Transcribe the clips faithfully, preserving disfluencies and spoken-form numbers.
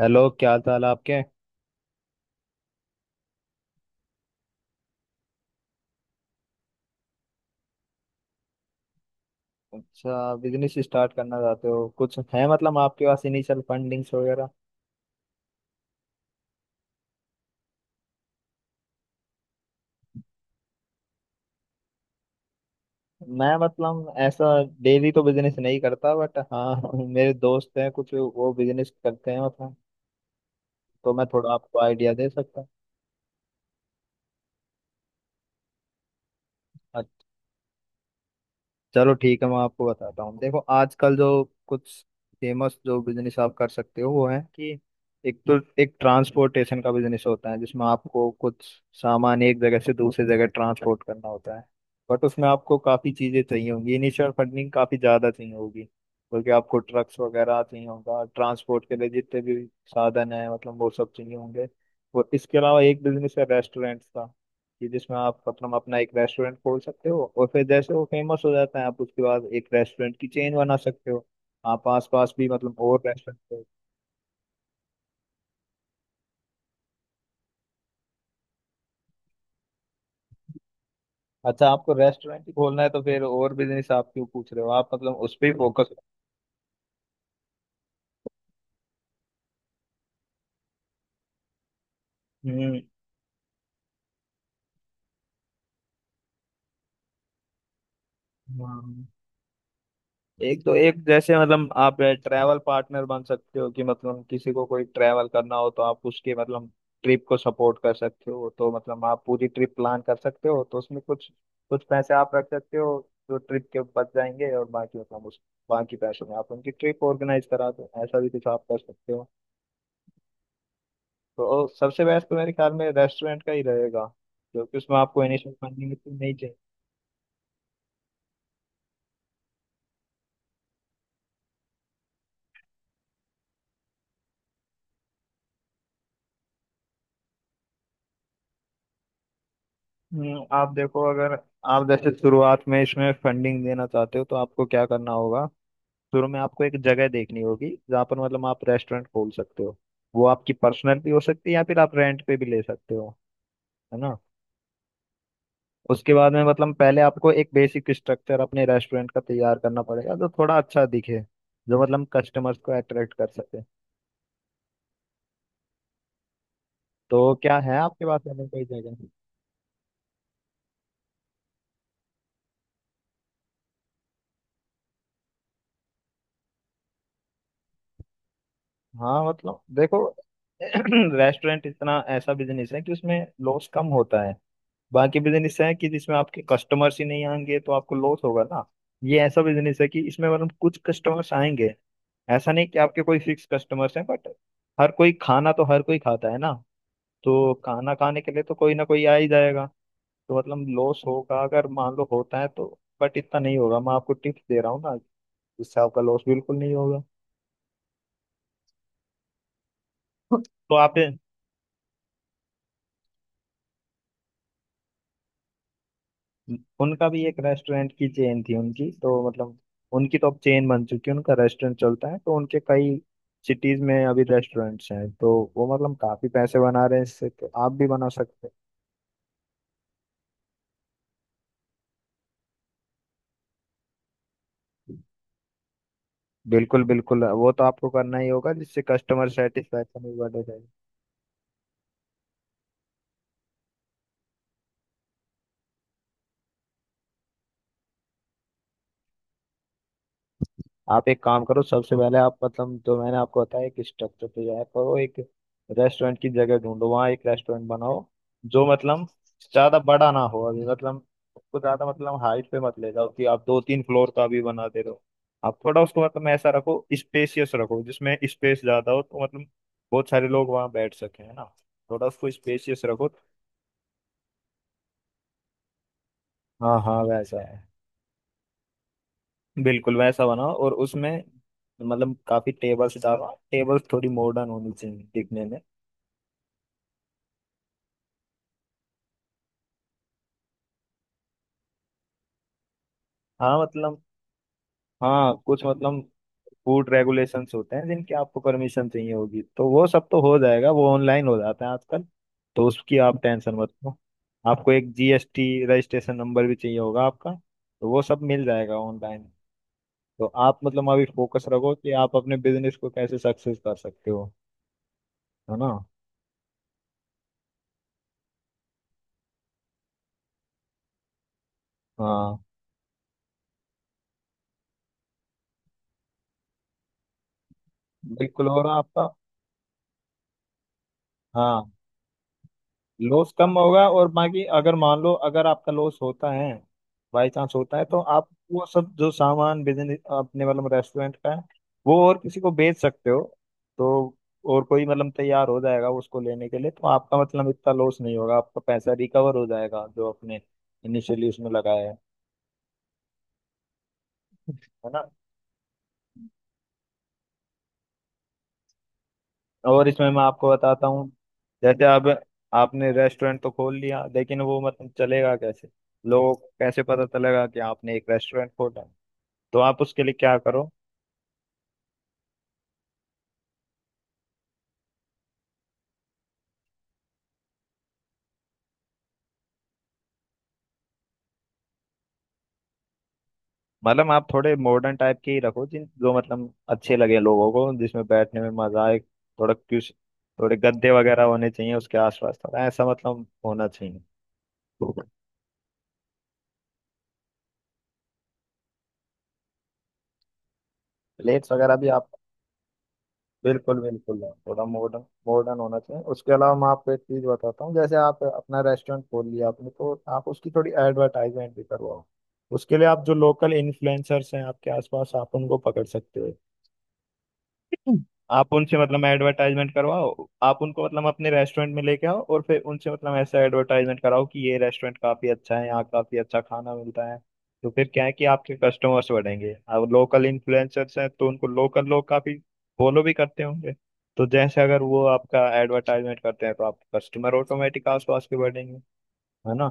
Hello, क्या हाल चाल है आपके? अच्छा, बिजनेस स्टार्ट करना चाहते हो? कुछ है मतलब आपके पास इनिशियल फंडिंग्स वगैरह? मैं मतलब ऐसा डेली तो बिजनेस नहीं करता बट हाँ मेरे दोस्त हैं कुछ, वो बिजनेस करते हैं मतलब। तो मैं थोड़ा आपको आइडिया दे सकता हूँ। चलो ठीक है, मैं आपको बताता हूँ। देखो आजकल जो कुछ फेमस जो बिजनेस आप कर सकते हो वो है कि एक तो एक ट्रांसपोर्टेशन का बिजनेस होता है, जिसमें आपको कुछ सामान एक जगह से दूसरी जगह ट्रांसपोर्ट करना होता है। बट उसमें आपको काफ़ी चीज़ें चाहिए होंगी, इनिशियल फंडिंग काफ़ी ज़्यादा चाहिए होगी क्योंकि आपको ट्रक्स वगैरह चाहिए होगा। ट्रांसपोर्ट के लिए जितने भी साधन है मतलब वो सब चाहिए होंगे। और इसके अलावा एक बिजनेस है रेस्टोरेंट का, कि जिसमें आप मतलब अपना एक रेस्टोरेंट खोल सकते हो, और फिर जैसे वो फेमस हो जाता है आप उसके बाद एक रेस्टोरेंट की चेन बना सकते हो। आप आस पास भी मतलब और रेस्टोरेंट। अच्छा, आपको रेस्टोरेंट ही खोलना है तो फिर और बिजनेस आप क्यों पूछ रहे हो? आप मतलब उस पर ही फोकस। हम्म। हाँ। एक तो एक जैसे मतलब आप ट्रैवल पार्टनर बन सकते हो, कि मतलब किसी को कोई ट्रैवल करना हो तो आप उसके मतलब ट्रिप को सपोर्ट कर सकते हो। तो मतलब आप पूरी ट्रिप प्लान कर सकते हो, तो उसमें कुछ कुछ पैसे आप रख सकते हो जो ट्रिप के बच जाएंगे, और बाकी मतलब उस बाकी पैसों में आप उनकी ट्रिप ऑर्गेनाइज करा दो। ऐसा भी कुछ आप कर सकते हो। तो सबसे बेस्ट तो मेरे ख्याल में रेस्टोरेंट का ही रहेगा, क्योंकि उसमें आपको इनिशियल फंडिंग इतनी नहीं। हम्म, आप देखो, अगर आप जैसे शुरुआत में इसमें फंडिंग देना चाहते हो तो आपको क्या करना होगा। शुरू में आपको एक जगह देखनी होगी जहाँ पर मतलब आप रेस्टोरेंट खोल सकते हो। वो आपकी पर्सनल भी हो सकती है या फिर आप रेंट पे भी ले सकते हो, है ना। उसके बाद में मतलब पहले आपको एक बेसिक स्ट्रक्चर अपने रेस्टोरेंट का तैयार करना पड़ेगा जो थोड़ा अच्छा दिखे, जो मतलब कस्टमर्स को अट्रैक्ट कर सके। तो क्या है आपके पास अगर कोई जगह। हाँ मतलब देखो, रेस्टोरेंट इतना ऐसा बिजनेस है कि उसमें लॉस कम होता है। बाकी बिजनेस है कि जिसमें आपके कस्टमर्स ही नहीं आएंगे तो आपको लॉस होगा ना। ये ऐसा बिजनेस है कि इसमें मतलब कुछ कस्टमर्स आएंगे। ऐसा नहीं कि आपके कोई फिक्स कस्टमर्स हैं, बट हर कोई खाना तो हर कोई खाता है ना। तो खाना खाने के लिए तो कोई ना कोई आ ही जाएगा। तो मतलब लॉस होगा अगर मान लो होता है तो, बट इतना नहीं होगा। मैं आपको टिप्स दे रहा हूँ ना जिससे आपका लॉस बिल्कुल नहीं होगा। तो आप, उनका भी एक रेस्टोरेंट की चेन थी उनकी तो मतलब, उनकी तो अब चेन बन चुकी है, उनका रेस्टोरेंट चलता है तो उनके कई सिटीज में अभी रेस्टोरेंट्स हैं, तो वो मतलब काफी पैसे बना रहे हैं इससे, तो आप भी बना सकते हैं। बिल्कुल बिल्कुल, वो तो आपको करना ही होगा जिससे कस्टमर सेटिस्फेक्शन भी बढ़ेगा। आप एक काम करो, सबसे पहले आप मतलब जो मैंने आपको बताया एक स्ट्रक्चर तैयार करो, एक रेस्टोरेंट की जगह ढूंढो, वहाँ एक रेस्टोरेंट बनाओ जो मतलब ज्यादा बड़ा ना हो अभी मतलब। उसको ज्यादा मतलब हाइट पे मत ले जाओ कि आप दो तीन फ्लोर का भी बना दे रहे हो। आप थोड़ा उसको मतलब ऐसा रखो, स्पेसियस रखो, जिसमें स्पेस ज्यादा हो तो मतलब बहुत सारे लोग वहाँ बैठ सके, है ना। थोड़ा उसको स्पेसियस रखो। हाँ हाँ वैसा है, बिल्कुल वैसा बनाओ। और उसमें मतलब काफी टेबल्स डालो, टेबल्स थोड़ी मॉडर्न होनी चाहिए दिखने में। हाँ मतलब, हाँ कुछ मतलब फूड रेगुलेशंस होते हैं जिनकी आपको परमिशन चाहिए होगी, तो वो सब तो हो जाएगा, वो ऑनलाइन हो जाता है आजकल। तो उसकी आप टेंशन मत लो। आपको एक जीएसटी रजिस्ट्रेशन नंबर भी चाहिए होगा आपका, तो वो सब मिल जाएगा ऑनलाइन। तो आप मतलब अभी फोकस रखो कि आप अपने बिजनेस को कैसे सक्सेस कर सकते हो, है ना। हाँ बिल्कुल, और आपका, हाँ, लॉस कम होगा। और बाकी अगर मान लो अगर आपका लॉस होता है, बाई चांस होता है, तो आप वो सब जो सामान बिजनेस अपने मतलब रेस्टोरेंट का है वो और किसी को बेच सकते हो। तो और कोई मतलब तैयार हो जाएगा उसको लेने के लिए, तो आपका मतलब इतना लॉस नहीं होगा, आपका पैसा रिकवर हो जाएगा जो आपने इनिशियली उसमें लगाया है है ना। और इसमें मैं आपको बताता हूँ। जैसे अब आपने रेस्टोरेंट तो खोल लिया, लेकिन वो मतलब चलेगा कैसे? लोगों को कैसे पता चलेगा कि आपने एक रेस्टोरेंट खोला? तो आप उसके लिए क्या करो। मतलब आप थोड़े मॉडर्न टाइप के ही रखो, जिन जो मतलब अच्छे लगे लोगों को, जिसमें बैठने में मजा आए। थोड़ा क्यूस, थोड़े गद्दे वगैरह होने चाहिए उसके आसपास, थोड़ा ऐसा मतलब होना चाहिए। प्लेट्स वगैरह भी आप, बिल्कुल बिल्कुल। थोड़ा मॉडर्न मॉडर्न होना चाहिए। उसके अलावा मैं आपको एक चीज बताता हूँ, जैसे आप अपना रेस्टोरेंट खोल लिया आपने तो आप उसकी थोड़ी एडवर्टाइजमेंट भी करवाओ। उसके लिए आप जो लोकल इन्फ्लुएंसर्स हैं आपके आसपास, आप उनको पकड़ सकते हो। आप उनसे मतलब एडवर्टाइजमेंट करवाओ, आप उनको मतलब अपने रेस्टोरेंट में लेके आओ और फिर उनसे मतलब ऐसा एडवर्टाइजमेंट कराओ कि ये रेस्टोरेंट काफी अच्छा है, यहाँ काफी अच्छा खाना मिलता है। तो फिर क्या है कि आपके कस्टमर्स बढ़ेंगे। अब लोकल इन्फ्लुएंसर्स हैं तो उनको लोकल लोग काफी फॉलो भी करते होंगे। तो जैसे अगर वो आपका एडवर्टाइजमेंट करते हैं, तो आप कस्टमर ऑटोमेटिक आसपास के बढ़ेंगे, है ना।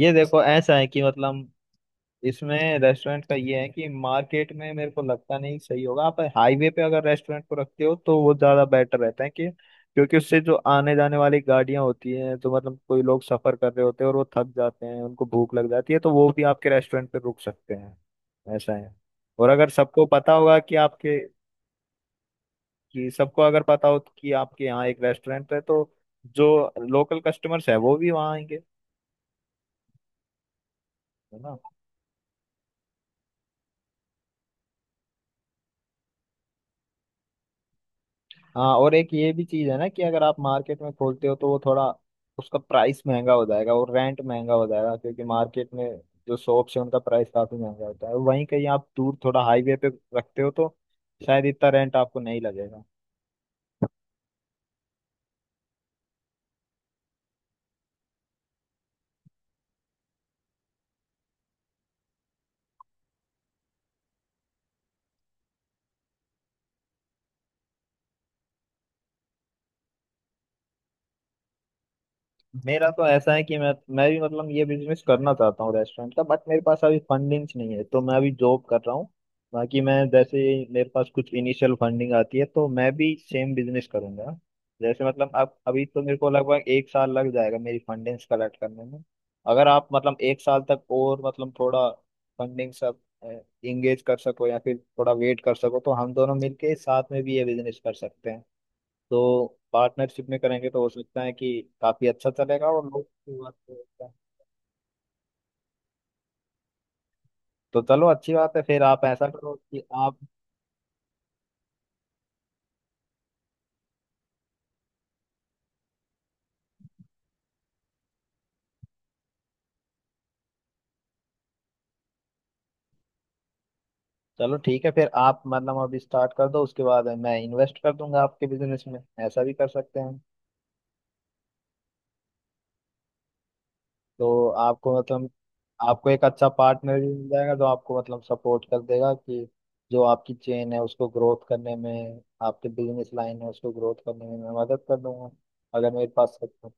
ये देखो ऐसा है कि मतलब इसमें रेस्टोरेंट का ये है कि मार्केट में मेरे को लगता नहीं सही होगा। आप हाईवे पे अगर रेस्टोरेंट को रखते हो तो वो ज्यादा बेटर रहता है, कि क्योंकि उससे जो आने जाने वाली गाड़ियां होती हैं तो मतलब कोई लोग सफर कर रहे होते हैं और वो थक जाते हैं, उनको भूख लग जाती है, तो वो भी आपके रेस्टोरेंट पे रुक सकते हैं। ऐसा है। और अगर सबको पता होगा कि आपके, कि सबको अगर पता हो कि आपके यहाँ एक रेस्टोरेंट है, तो जो लोकल कस्टमर्स है वो भी वहाँ आएंगे, है ना। हाँ, और एक ये भी चीज है ना कि अगर आप मार्केट में खोलते हो तो वो थोड़ा, उसका प्राइस महंगा हो जाएगा और रेंट महंगा हो जाएगा, क्योंकि मार्केट में जो शॉप्स है उनका प्राइस काफी महंगा होता है। वहीं कहीं आप दूर थोड़ा हाईवे पे रखते हो तो शायद इतना रेंट आपको नहीं लगेगा। मेरा तो ऐसा है कि मैं मैं भी मतलब ये बिजनेस करना चाहता हूँ रेस्टोरेंट का, बट मेरे पास अभी फंडिंग्स नहीं है तो मैं अभी जॉब कर रहा हूँ। बाकी मैं जैसे ही मेरे पास कुछ इनिशियल फंडिंग आती है तो मैं भी सेम बिजनेस करूंगा। जैसे मतलब अब अभी तो मेरे को लगभग एक साल लग जाएगा मेरी फंडिंग्स कलेक्ट करने में। अगर आप मतलब एक साल तक और मतलब थोड़ा फंडिंग सब इंगेज कर सको या फिर थोड़ा वेट कर सको, तो हम दोनों मिलके साथ में भी ये बिजनेस कर सकते हैं। तो पार्टनरशिप में करेंगे तो हो सकता है कि काफी अच्छा चलेगा, और लोग, अच्छी बात तो है। तो चलो अच्छी बात है, फिर आप ऐसा करो कि आप, चलो ठीक है, फिर आप मतलब अभी स्टार्ट कर दो, उसके बाद मैं इन्वेस्ट कर दूंगा आपके बिजनेस में। ऐसा भी कर सकते हैं। तो आपको मतलब, आपको एक अच्छा पार्टनर भी मिल जाएगा जो आपको मतलब सपोर्ट कर देगा, कि जो आपकी चेन है उसको ग्रोथ करने में, आपके बिजनेस लाइन है उसको ग्रोथ करने में मैं मदद कर दूंगा अगर मेरे पास सपोर्ट।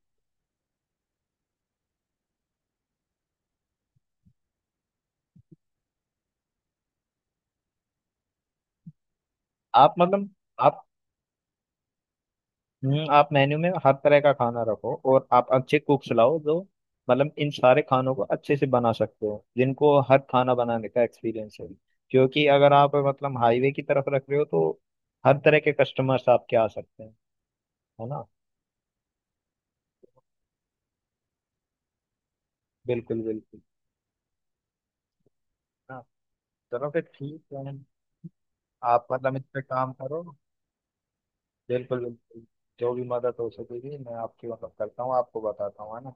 आप मतलब, आप, हम्म, आप मेन्यू में हर तरह का खाना रखो और आप अच्छे कुक्स लाओ जो मतलब इन सारे खानों को अच्छे से बना सकते हो, जिनको हर खाना बनाने का एक्सपीरियंस है। क्योंकि अगर आप मतलब हाईवे की तरफ रख रहे हो तो हर तरह के कस्टमर्स आपके आ सकते हैं, है ना। बिल्कुल बिल्कुल। हाँ, चलो फिर ठीक है। आप मतलब इस पे काम करो, बिल्कुल बिल्कुल। जो भी मदद हो सकेगी मैं आपकी मतलब करता हूँ, आपको बताता हूँ, है ना।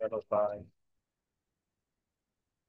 चलो, बाय।